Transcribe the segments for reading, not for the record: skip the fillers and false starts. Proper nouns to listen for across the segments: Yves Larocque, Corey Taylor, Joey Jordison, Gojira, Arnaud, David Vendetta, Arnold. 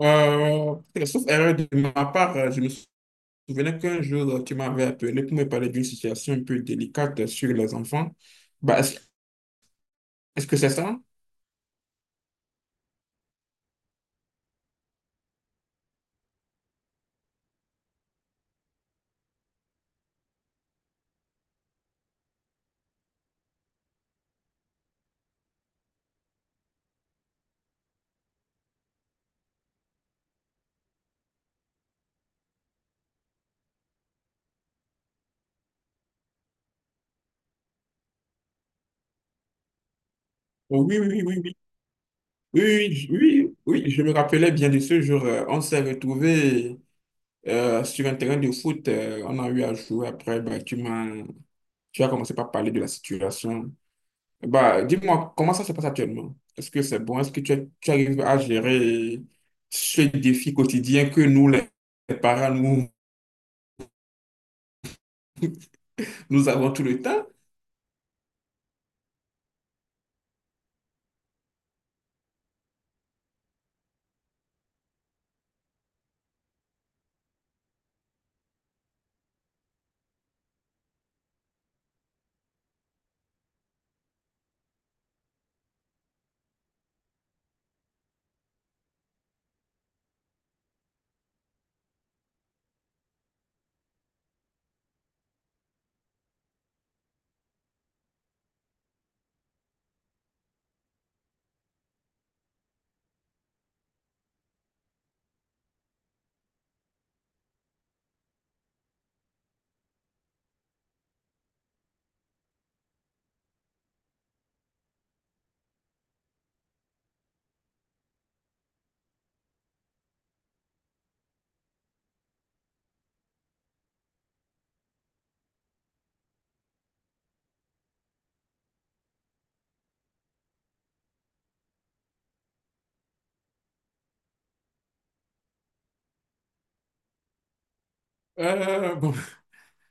Euh, Sauf erreur de ma part, je me souvenais qu'un jour, tu m'avais appelé pour me parler d'une situation un peu délicate sur les enfants. Bah, est-ce, est-ce que c'est ça? Oui, oui, oui, oui, oui, oui, oui, oui, oui, je me rappelais bien de ce jour. On s'est retrouvés sur un terrain de foot. On a eu à jouer après. Tu as commencé par parler de la situation. Bah, dis-moi, comment ça se passe actuellement? Est-ce que c'est bon? Est-ce que tu arrives à gérer ce défi quotidien que nous, les parents, nous, nous avons tout le temps? Bon,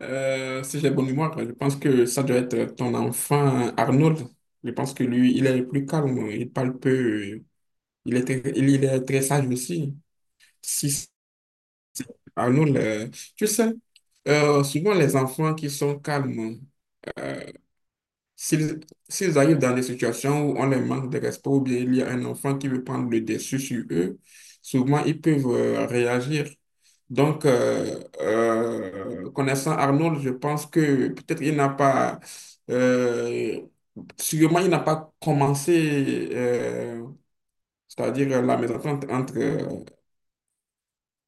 Si j'ai bonne mémoire, je pense que ça doit être ton enfant Arnold. Je pense que lui, il est plus calme, il parle peu, il est très sage aussi. Si c'est Arnold, tu sais, souvent les enfants qui sont calmes, euh, S'ils s'ils arrivent dans des situations où on les manque de respect ou bien il y a un enfant qui veut prendre le dessus sur eux, souvent ils peuvent réagir. Connaissant Arnold, je pense que peut-être il n'a pas, euh, sûrement il n'a pas commencé, c'est-à-dire la mésentente entre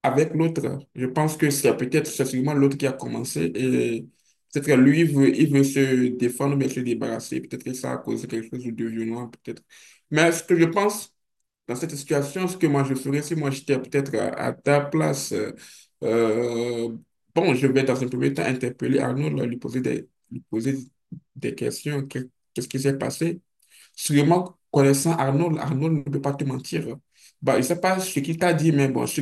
avec l'autre. Je pense que c'est peut-être, c'est sûrement l'autre qui a commencé et peut-être que lui, il veut se défendre, mais se débarrasser. Peut-être que ça a causé quelque chose de violent, peut-être. Mais ce que je pense dans cette situation, ce que moi je ferais si moi j'étais peut-être à ta place, euh, bon, je vais dans un premier temps interpeller Arnaud, là, lui poser des questions. Qu'est-ce qui s'est passé? Sûrement, connaissant Arnold, Arnold ne peut pas te mentir. Bah, il ne sais pas ce qu'il t'a dit, mais bon,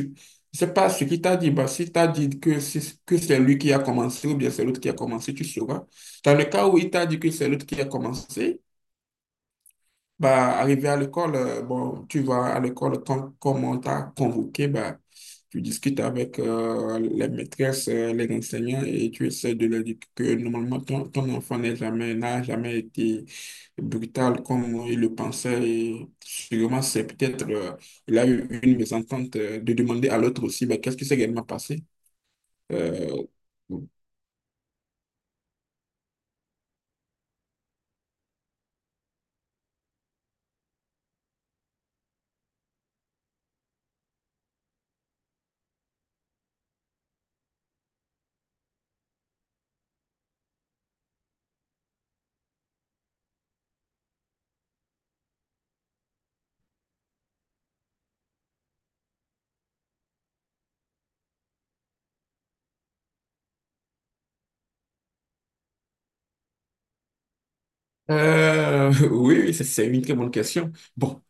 je ne pas ce qu'il t'a dit. Bah, s'il t'a dit que c'est lui qui a commencé ou bien c'est l'autre qui a commencé, tu sauras. Dans le cas où il t'a dit que c'est l'autre qui a commencé, bah, arrivé à l'école, bon, tu vas à l'école quand, comme on t'a convoqué, bah, tu discutes avec les maîtresses, les enseignants et tu essaies de leur dire que normalement ton, ton enfant n'est jamais, n'a jamais été brutal comme il le pensait et sûrement c'est peut-être, il a eu une mésentente de demander à l'autre aussi, bah, qu'est-ce qui s'est réellement passé? Euh, oui, oui, c'est une très bonne question. Bon,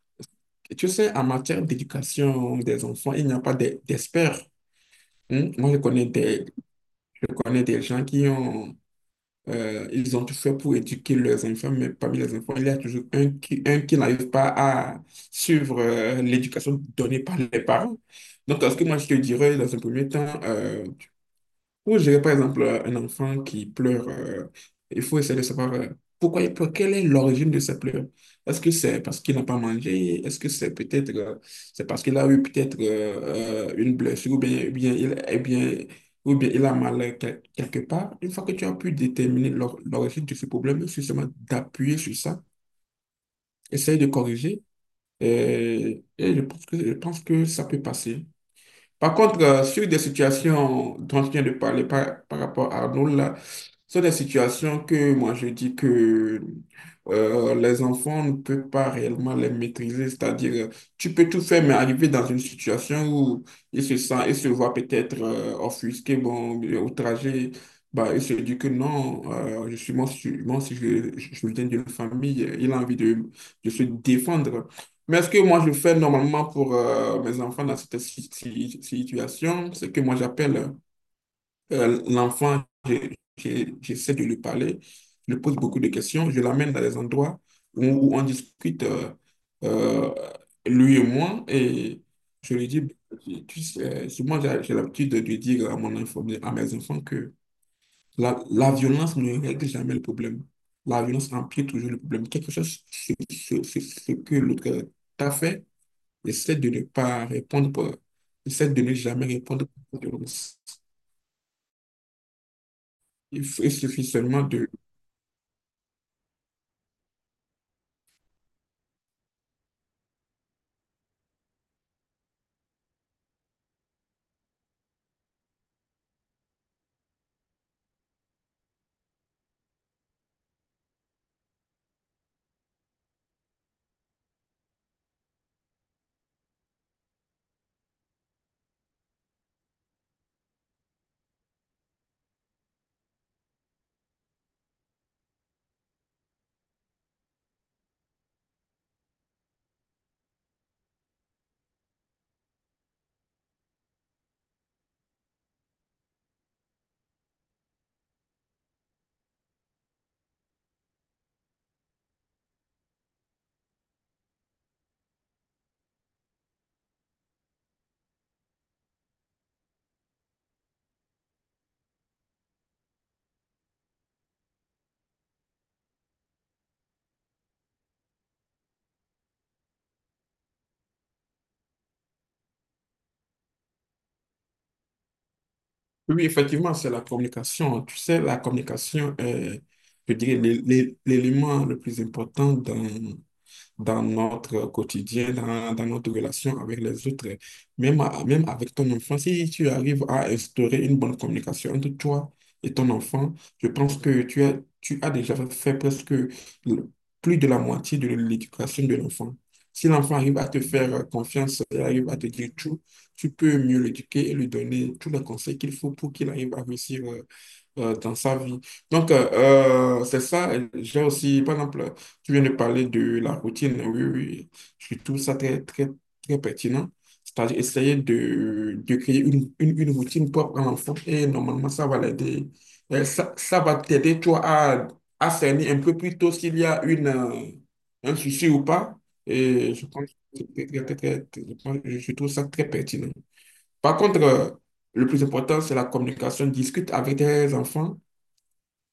tu sais, en matière d'éducation des enfants, il n'y a pas d'experts. Hein. Moi, je connais des gens qui ont ils ont tout fait pour éduquer leurs enfants, mais parmi les enfants, il y a toujours un qui n'arrive pas à suivre l'éducation donnée par les parents. Donc, ce que moi, je te dirais dans un premier temps, pour gérer, par exemple, un enfant qui pleure, il faut essayer de savoir pourquoi il pleure, quelle est l'origine de ses pleurs. Est-ce que c'est parce qu'il n'a pas mangé? Est-ce que c'est peut-être c'est parce qu'il a eu peut-être une blessure ou bien, il, eh bien, ou bien il a mal quelque part? Une fois que tu as pu déterminer l'origine de ce problème, c'est seulement d'appuyer sur ça, essayer de corriger. Et je pense que ça peut passer. Par contre, sur des situations dont je viens de parler par, par rapport à Arnaud, là, ce sont des situations que moi je dis que les enfants ne peuvent pas réellement les maîtriser. C'est-à-dire, tu peux tout faire, mais arriver dans une situation où ils se sentent, ils se voient peut-être offusqués, bon, outragés, bah, ils se disent que non, je suis moi, si je, je viens d'une famille, il a envie de se défendre. Mais ce que moi je fais normalement pour mes enfants dans cette situation, c'est que moi j'appelle l'enfant, j'essaie de lui parler, je lui pose beaucoup de questions, je l'amène dans des endroits où, où on discute, euh, lui et moi, et je lui dis, tu sais, souvent j'ai l'habitude de lui dire à mon enfant, à mes enfants que la violence ne règle jamais le problème. La violence empire toujours le problème. Quelque chose, ce que l'autre t'a fait. Essaie de ne pas répondre pour... Essaie de ne jamais répondre pour violence. Il, il suffit seulement de... Oui, effectivement, c'est la communication. Tu sais, la communication est, je dirais, l'élément le plus important dans dans notre quotidien, dans, dans notre relation avec les autres. Même, même avec ton enfant, si tu arrives à instaurer une bonne communication entre toi et ton enfant, je pense que tu as déjà fait presque plus de la moitié de l'éducation de l'enfant. Si l'enfant arrive à te faire confiance et arrive à te dire tout, tu peux mieux l'éduquer et lui donner tous les conseils qu'il faut pour qu'il arrive à réussir dans sa vie. Donc, c'est ça. J'ai aussi, par exemple, tu viens de parler de la routine, oui, oui. Oui. Je trouve ça très, très pertinent. C'est-à-dire essayer de créer une routine propre à l'enfant et normalement, ça va l'aider. Ça, ça va t'aider, toi, à cerner un peu plus tôt s'il y a une, un souci ou pas. Et je pense que c'est très, je pense- je trouve ça très pertinent. Par contre, le plus important, c'est la communication. Discute avec tes enfants.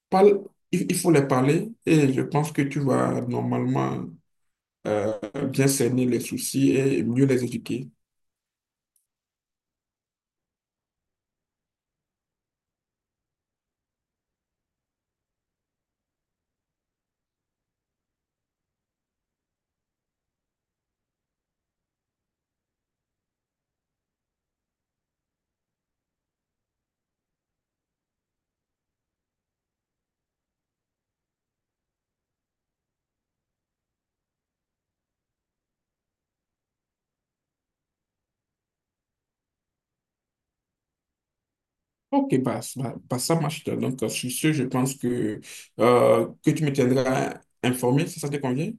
Parle, il faut les parler et je pense que tu vas normalement euh, bien cerner les soucis et mieux les éduquer. Ok, bah, ça marche. Donc, sur ce, je pense que tu me tiendras informé, si ça te convient.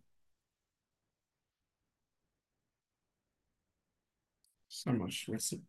Ça marche, merci.